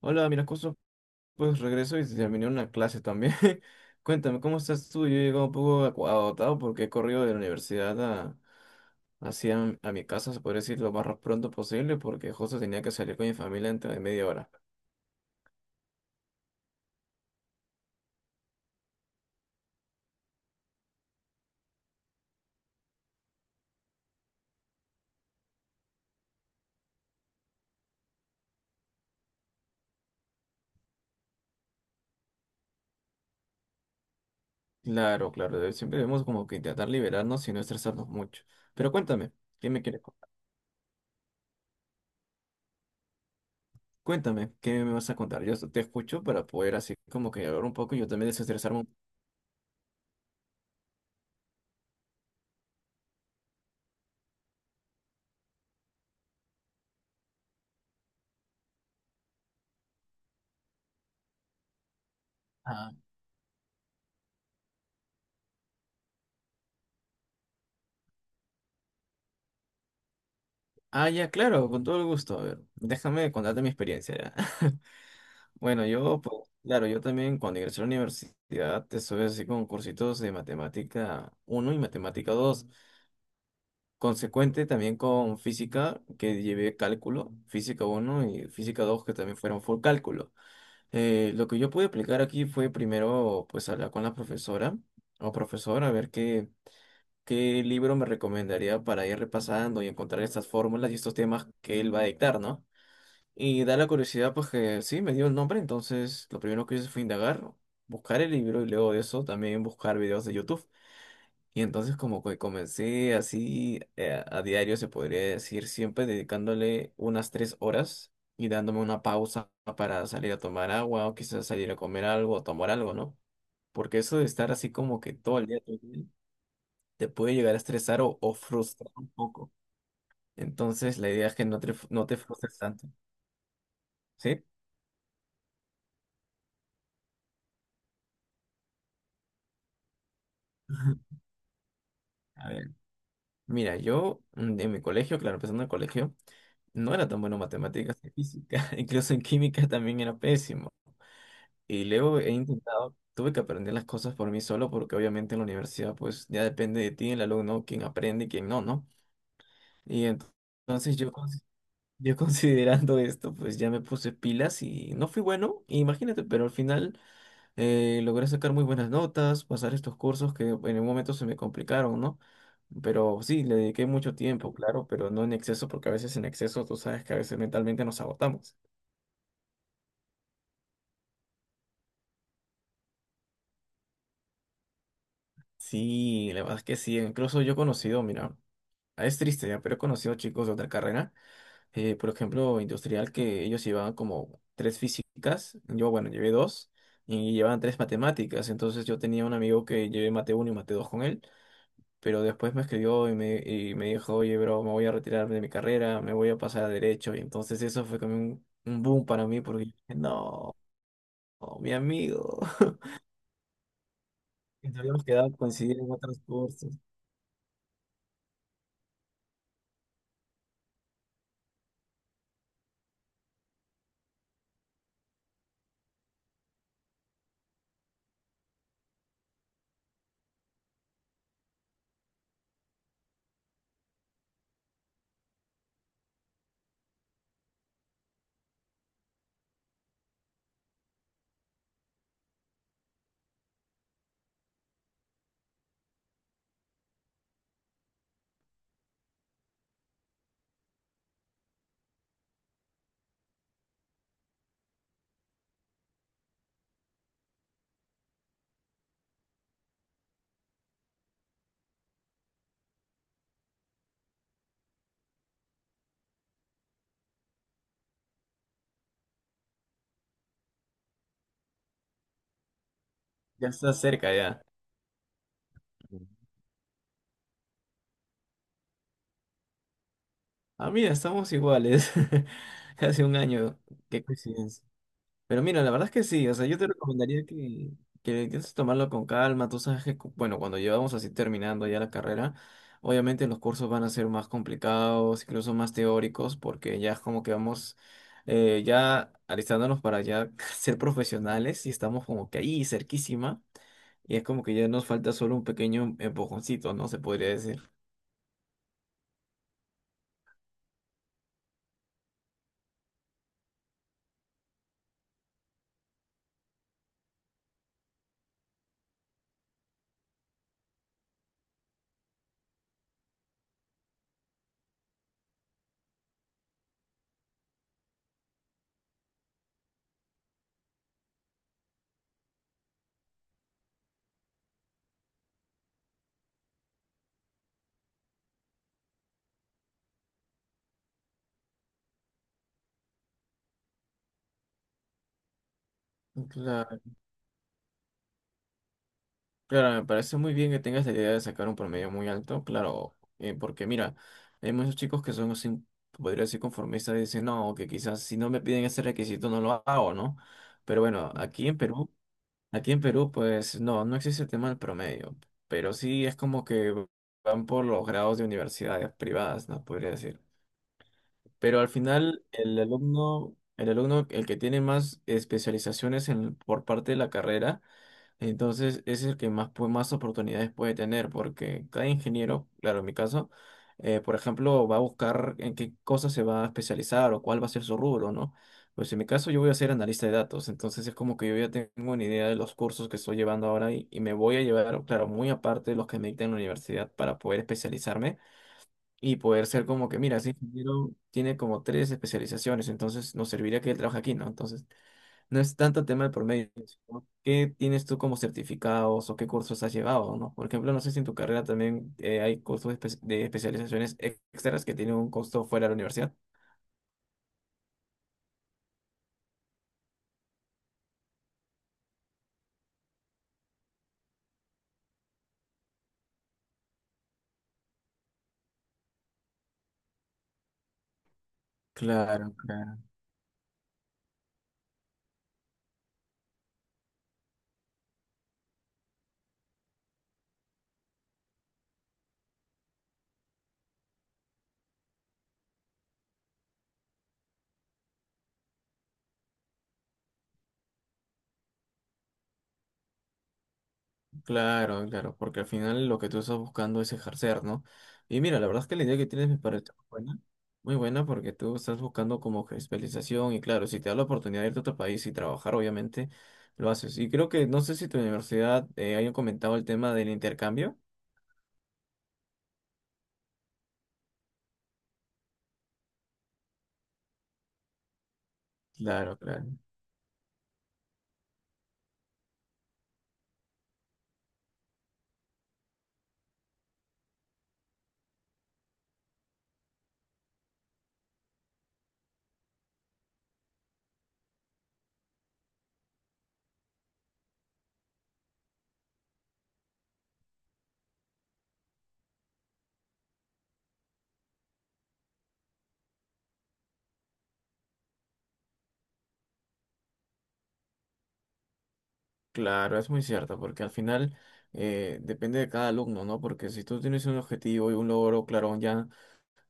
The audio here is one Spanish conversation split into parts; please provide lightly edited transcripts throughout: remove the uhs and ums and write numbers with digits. Hola, mira, justo pues regreso y terminé una clase también. Cuéntame, ¿cómo estás tú? Yo he llegado un poco agotado porque he corrido de la universidad hacia a mi casa, se puede decir, lo más pronto posible porque justo tenía que salir con mi familia dentro de media hora. Claro, claro, siempre debemos como que intentar liberarnos y no estresarnos mucho. Pero cuéntame, ¿qué me quieres contar? Cuéntame, ¿qué me vas a contar? Yo te escucho para poder así como que hablar un poco y yo también desestresarme un. Ah, ah, ya, claro, con todo el gusto. A ver, déjame contarte mi experiencia ya. Bueno, yo, pues, claro, yo también cuando ingresé a la universidad estuve así con cursitos de matemática uno y matemática 2 consecuente también con física, que llevé cálculo, física uno y física 2 que también fueron full cálculo. Lo que yo pude aplicar aquí fue primero, pues, hablar con la profesora o profesor a ver qué libro me recomendaría para ir repasando y encontrar estas fórmulas y estos temas que él va a dictar, ¿no? Y da la curiosidad, pues que sí, me dio el nombre, entonces lo primero que hice fue indagar, buscar el libro y luego de eso también buscar videos de YouTube. Y entonces como que comencé así a diario, se podría decir, siempre dedicándole unas 3 horas y dándome una pausa para salir a tomar agua o quizás salir a comer algo o tomar algo, ¿no? Porque eso de estar así como que todo el día, te puede llegar a estresar o frustrar un poco. Entonces la idea es que no te frustres tanto, ¿sí? A ver. Mira, yo en mi colegio, claro, empezando el colegio, no era tan bueno en matemáticas y física, incluso en química también era pésimo. Y luego he intentado, tuve que aprender las cosas por mí solo porque obviamente en la universidad pues ya depende de ti, el alumno, quién aprende y quién no, ¿no? Y ent- entonces yo, considerando esto, pues ya me puse pilas y no fui bueno, imagínate, pero al final. Logré sacar muy buenas notas, pasar estos cursos que en un momento se me complicaron, ¿no? Pero sí, le dediqué mucho tiempo, claro, pero no en exceso, porque a veces en exceso tú sabes que a veces mentalmente nos agotamos. Sí, la verdad es que sí, incluso yo he conocido, mira, es triste ya, pero he conocido chicos de otra carrera, por ejemplo, industrial, que ellos llevaban como tres físicas, yo, bueno, llevé dos, y llevaban tres matemáticas, entonces yo tenía un amigo que llevé mate uno y mate dos con él. Pero después me escribió y me dijo, oye, bro, me voy a retirar de mi carrera, me voy a pasar a derecho. Y entonces eso fue como un boom para mí porque dije, no, no, mi amigo. Y nos habíamos quedado a coincidir en otros cursos. Ya está cerca ya. Ah, mira, estamos iguales. Casi un año. Qué coincidencia. Pero mira, la verdad es que sí, o sea, yo te recomendaría que intentes tomarlo con calma, tú sabes que, bueno, cuando llevamos así terminando ya la carrera, obviamente los cursos van a ser más complicados, incluso más teóricos, porque ya es como que vamos ya alistándonos para ya ser profesionales y estamos como que ahí cerquísima, y es como que ya nos falta solo un pequeño empujoncito, ¿no? Se podría decir. Claro. Claro, me parece muy bien que tengas la idea de sacar un promedio muy alto, claro, porque mira, hay muchos chicos que son así, podría decir conformistas y dicen, no, que quizás si no me piden ese requisito no lo hago, ¿no? Pero bueno, aquí en Perú, pues no, no existe el tema del promedio, pero sí es como que van por los grados de universidades privadas, ¿no? Podría decir. Pero al final, el alumno, el que tiene más especializaciones por parte de la carrera, entonces, ese es el que más, pues, más oportunidades puede tener, porque cada ingeniero, claro, en mi caso, por ejemplo, va a buscar en qué cosa se va a especializar o cuál va a ser su rubro, ¿no? Pues en mi caso yo voy a ser analista de datos, entonces es como que yo ya tengo una idea de los cursos que estoy llevando ahora y me voy a llevar, claro, muy aparte de los que me dictan en la universidad para poder especializarme y poder ser como que, mira, ese ingeniero tiene como tres especializaciones, entonces nos serviría que él trabaje aquí, ¿no? Entonces. No es tanto tema de promedio sino qué tienes tú como certificados o qué cursos has llevado, ¿no? Por ejemplo, no sé si en tu carrera también hay cursos de especializaciones extras que tienen un costo fuera de la universidad. Claro, claro, claro, claro, porque al final lo que tú estás buscando es ejercer, ¿no? Y mira, la verdad es que la idea que tienes me parece muy buena porque tú estás buscando como que especialización y claro, si te da la oportunidad de irte a otro país y trabajar, obviamente lo haces. Y creo que, no sé si tu universidad hayan comentado el tema del intercambio. Claro, claro. Claro, es muy cierto, porque al final depende de cada alumno, ¿no? Porque si tú tienes un objetivo y un logro claro ya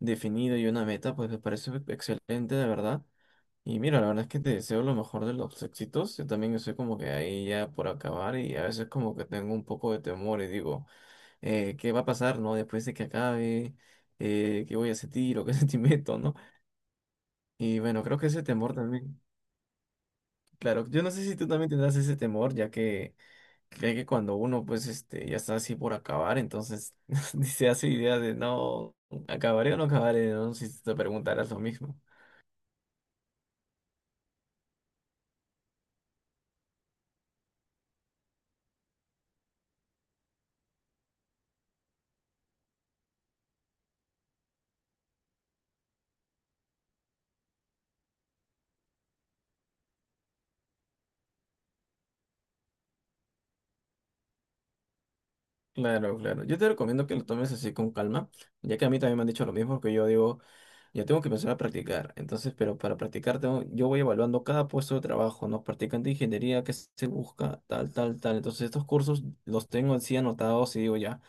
definido y una meta, pues me parece excelente, de verdad. Y mira, la verdad es que te deseo lo mejor de los éxitos. Yo también estoy como que ahí ya por acabar y a veces como que tengo un poco de temor y digo, ¿qué va a pasar, no? Después de que acabe, ¿qué voy a sentir o qué sentimiento, no? Y bueno, creo que ese temor también, claro, yo no sé si tú también tendrás ese temor, ya que. Cree que cuando uno pues este ya está así por acabar, entonces ni se hace idea de no acabaré o no acabaré, ¿no? Si te preguntaras lo mismo. Claro, claro. Yo te recomiendo que lo tomes así con calma, ya que a mí también me han dicho lo mismo, que yo digo, yo tengo que empezar a practicar. Entonces, pero para practicar yo voy evaluando cada puesto de trabajo, ¿no? Practicante de ingeniería, qué se busca, tal, tal, tal. Entonces, estos cursos los tengo así anotados y digo ya,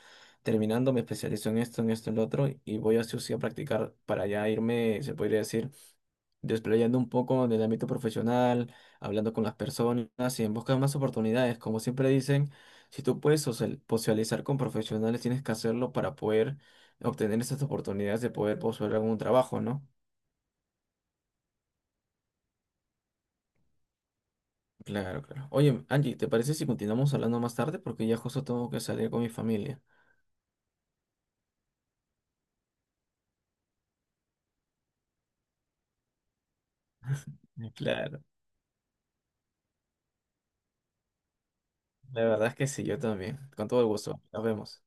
terminando me especializo en esto, en esto, en lo otro, y voy así o sí a practicar para ya irme, se podría decir desplayando un poco en el ámbito profesional, hablando con las personas y en busca de más oportunidades. Como siempre dicen, si tú puedes socializar con profesionales, tienes que hacerlo para poder obtener esas oportunidades de poder postular algún trabajo, ¿no? Claro, claro. Oye, Angie, ¿te parece si continuamos hablando más tarde? Porque ya justo tengo que salir con mi familia. Claro, la verdad es que sí, yo también. Con todo el gusto. Nos vemos.